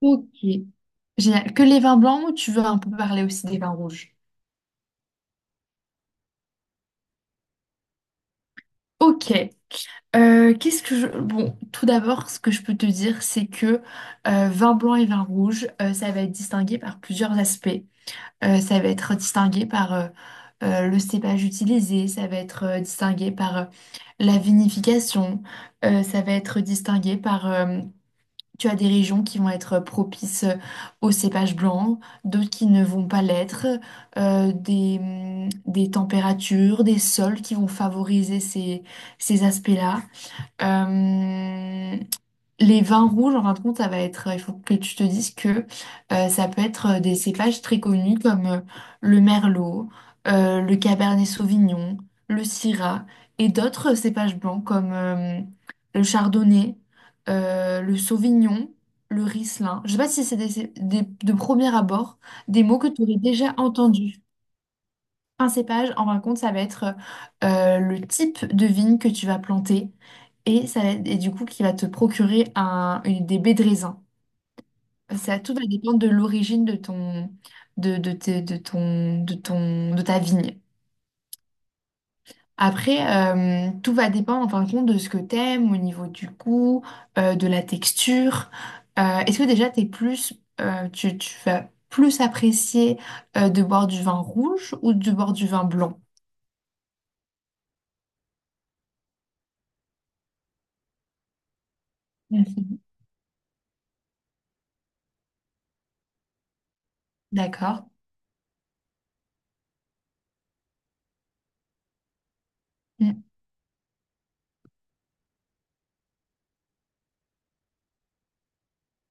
Ok. Génial. Que les vins blancs ou tu veux un peu parler aussi des vins rouges? Ok. Qu'est-ce que je... Bon, tout d'abord, ce que je peux te dire, c'est que vin blanc et vin rouge, ça va être distingué par plusieurs aspects. Ça va être distingué par le cépage utilisé, ça va être distingué par la vinification, ça va être distingué par tu as des régions qui vont être propices aux cépages blancs, d'autres qui ne vont pas l'être, des températures, des sols qui vont favoriser ces aspects-là. Euh, les vins rouges, en fin de compte, ça va être, il faut que tu te dises que ça peut être des cépages très connus comme le merlot, le cabernet sauvignon, le syrah et d'autres cépages blancs comme le chardonnay, le sauvignon, le riesling. Je sais pas si c'est de premier abord des mots que tu aurais déjà entendus. Un cépage, en fin de compte, ça va être le type de vigne que tu vas planter et, ça, va et du coup qui va te procurer des baies de raisin. Ça, tout va dépendre de l'origine de ton, de, tes- de ton, de ton, de ta vigne. Après, tout va dépendre en fin de compte de ce que t'aimes au niveau du goût, de la texture. Est-ce que déjà tu vas plus apprécier de boire du vin rouge ou de boire du vin blanc? Mhm. D'accord. Mmh.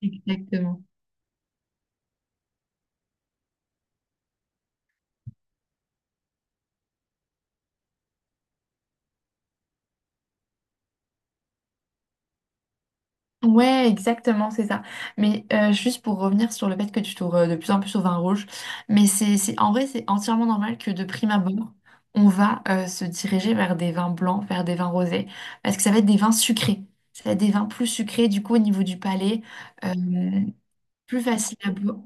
Exactement. Ouais, exactement, c'est ça. Mais juste pour revenir sur le fait que tu tournes de plus en plus au vin rouge, mais en vrai, c'est entièrement normal que de prime abord, on va se diriger vers des vins blancs, vers des vins rosés, parce que ça va être des vins sucrés. Ça va être des vins plus sucrés, du coup, au niveau du palais, euh, plus facile à boire.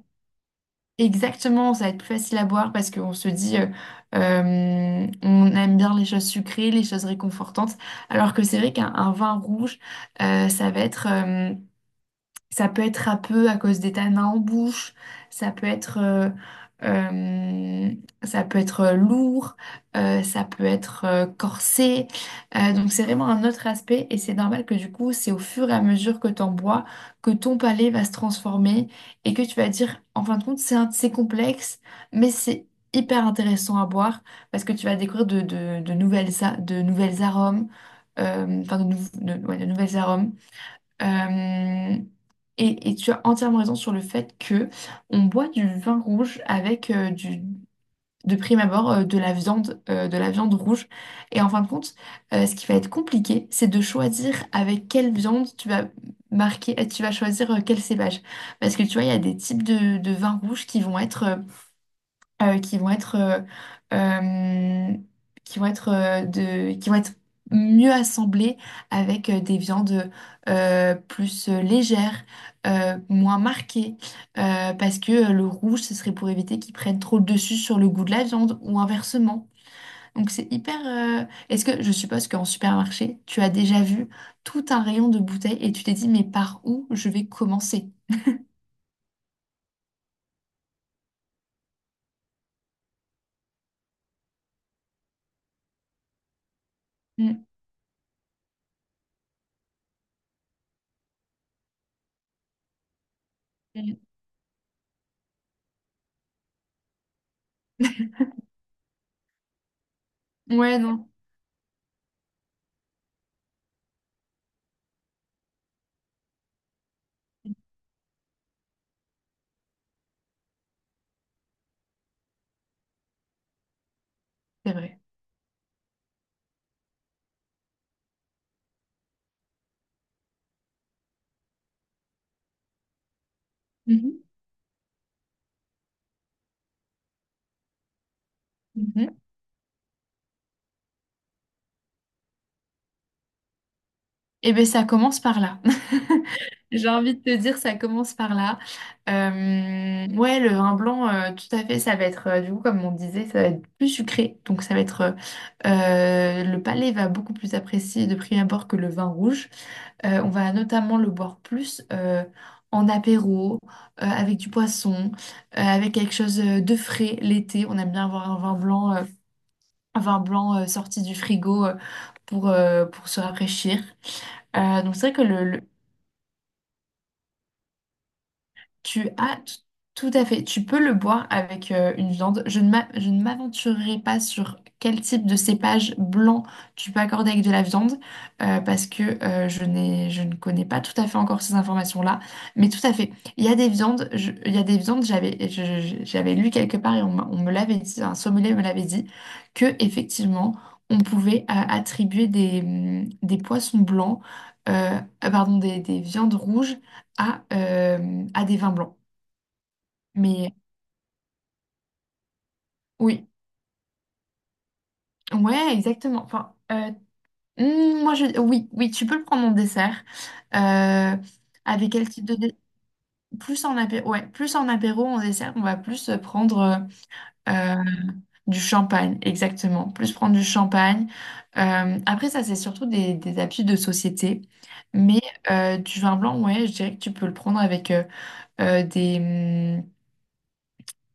Exactement, ça va être plus facile à boire parce qu'on se dit, on aime bien les choses sucrées, les choses réconfortantes, alors que c'est vrai qu'un un vin rouge, ça va être ça peut être râpeux à cause des tanins en bouche, ça peut être, euh, ça peut être lourd, ça peut être corsé. Donc c'est vraiment un autre aspect et c'est normal que du coup, c'est au fur et à mesure que tu en bois que ton palais va se transformer et que tu vas dire, en fin de compte, c'est complexe, mais c'est hyper intéressant à boire parce que tu vas découvrir de de nouvelles arômes, enfin de, nou- de ouais, de nouvelles arômes. Euh, et tu as entièrement raison sur le fait que on boit du vin rouge avec de prime abord de la viande rouge. Et en fin de compte, ce qui va être compliqué, c'est de choisir avec quelle viande tu vas marquer, tu vas choisir quel cépage. Parce que tu vois, il y a des types de vins rouges qui vont être qui vont être, euh, qui vont être, de, qui vont être mieux assemblées avec des viandes plus légères, moins marquées, parce que le rouge, ce serait pour éviter qu'ils prennent trop le dessus sur le goût de la viande ou inversement. Donc c'est hyper... Est-ce que je suppose qu'en supermarché, tu as déjà vu tout un rayon de bouteilles et tu t'es dit, mais par où je vais commencer? Mm, mm. Ouais, non, c'est vrai. Mhm. Eh bien, ça commence par là. J'ai envie de te dire, ça commence par là. Ouais, le vin blanc, tout à fait, ça va être, du coup, comme on disait, ça va être plus sucré. Donc, ça va être, le palais va beaucoup plus apprécier de prime abord que le vin rouge. On va notamment le boire plus en apéro, avec du poisson, avec quelque chose de frais l'été. On aime bien avoir un vin blanc, sorti du frigo pour se rafraîchir. Donc c'est vrai que le, Tu as t- tout à fait. Tu peux le boire avec une viande. Je ne m'aventurerai pas sur quel type de cépage blanc tu peux accorder avec de la viande parce que je ne connais pas tout à fait encore ces informations-là. Mais tout à fait. Il y a des viandes. Il y a des viandes. J'avais lu quelque part et on me l'avait dit. Un sommelier me l'avait dit que effectivement on pouvait attribuer des poissons blancs, pardon, des viandes rouges à des vins blancs. Mais oui, ouais, exactement. Enfin, oui, oui, tu peux le prendre en dessert. Euh, avec quel type de dé- Plus en apéro, ouais, plus en apéro, en dessert, on va plus prendre euh, euh, du champagne, exactement. Plus prendre du champagne. Après, ça, c'est surtout des habitudes de société. Mais du vin blanc, ouais, je dirais que tu peux le prendre avec euh, des, hum,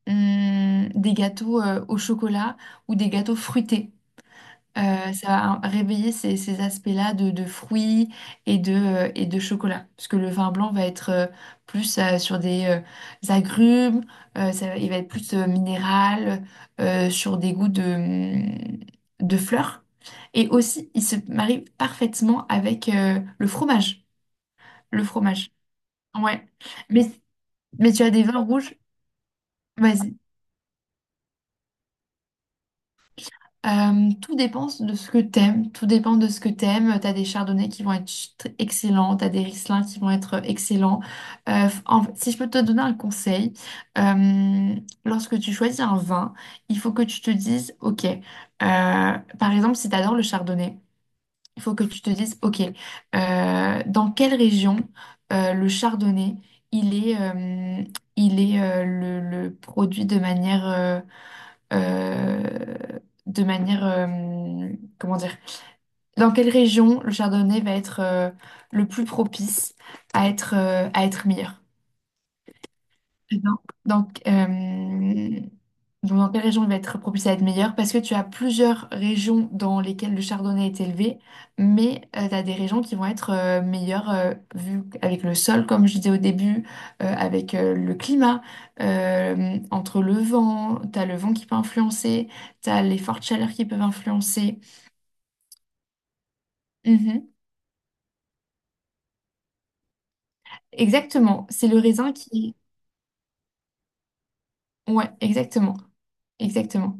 des gâteaux au chocolat ou des gâteaux fruités. Ça va réveiller ces aspects-là de fruits et et de chocolat. Parce que le vin blanc va être plus sur des agrumes, il va être plus minéral, sur des goûts de fleurs. Et aussi, il se marie parfaitement avec le fromage. Le fromage. Ouais. Mais, mais tu as des vins rouges. Tout dépend de ce que t'aimes, tout dépend de ce que t'aimes. T'as des chardonnays qui vont être excellents, t'as des Riesling qui vont être excellents. En fait, si je peux te donner un conseil, euh, lorsque tu choisis un vin, il faut que tu te dises, ok, par exemple, si t'adores le chardonnay, il faut que tu te dises, ok, dans quelle région le chardonnay, il est, euh, il est le produit de manière euh, de manière, euh, comment dire, dans quelle région le chardonnay va être le plus propice à être meilleur. Très bien. Donc, euh, donc, dans quelle région il va être propice à être meilleur? Parce que tu as plusieurs régions dans lesquelles le chardonnay est élevé, mais tu as des régions qui vont être meilleures vu avec le sol, comme je disais au début, avec le climat, entre le vent, tu as le vent qui peut influencer, tu as les fortes chaleurs qui peuvent influencer. Mhm. Exactement, c'est le raisin qui... Ouais, exactement, exactement.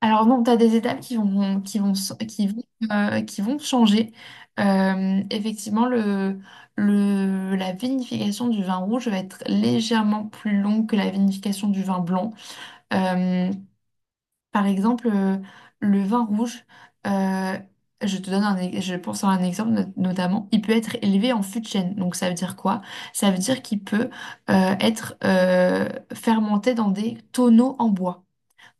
Alors non, tu as des étapes qui vont changer. Effectivement, la vinification du vin rouge va être légèrement plus longue que la vinification du vin blanc. Euh, par exemple, euh, le vin rouge, euh, je te donne un, e- je pense à un exemple notamment, il peut être élevé en fût de chêne. Donc ça veut dire quoi? Ça veut dire qu'il peut être fermenté dans des tonneaux en bois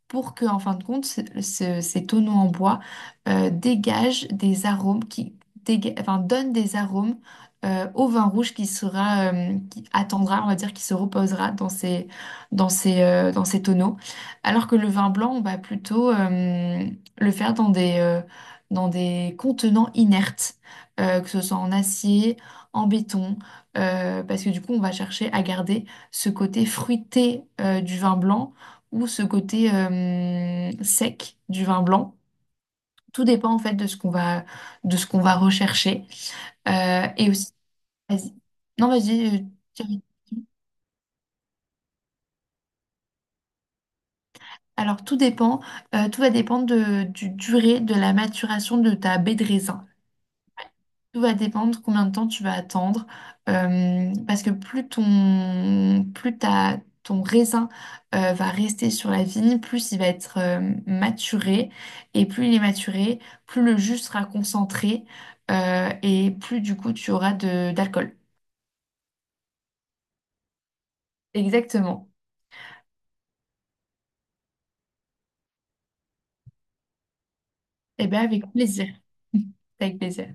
pour que, en fin de compte, ces tonneaux en bois dégagent des arômes qui donnent des arômes au vin rouge qui sera, qui attendra, on va dire, qui se reposera dans ces, dans ces tonneaux. Alors que le vin blanc, on va plutôt le faire dans dans des contenants inertes, que ce soit en acier, en béton, parce que du coup, on va chercher à garder ce côté fruité du vin blanc ou ce côté sec du vin blanc. Tout dépend en fait de ce qu'on va, de ce qu'on va rechercher. Et aussi, vas-y. Non, vas-y. Thierry. Alors, tout dépend, tout va dépendre de, du durée de la maturation de ta baie de raisin. Tout va dépendre combien de temps tu vas attendre, parce que plus ton raisin va rester sur la vigne, plus il va être maturé, et plus il est maturé, plus le jus sera concentré, et plus du coup tu auras de, d'alcool. Exactement. Eh bien, avec plaisir. Avec plaisir.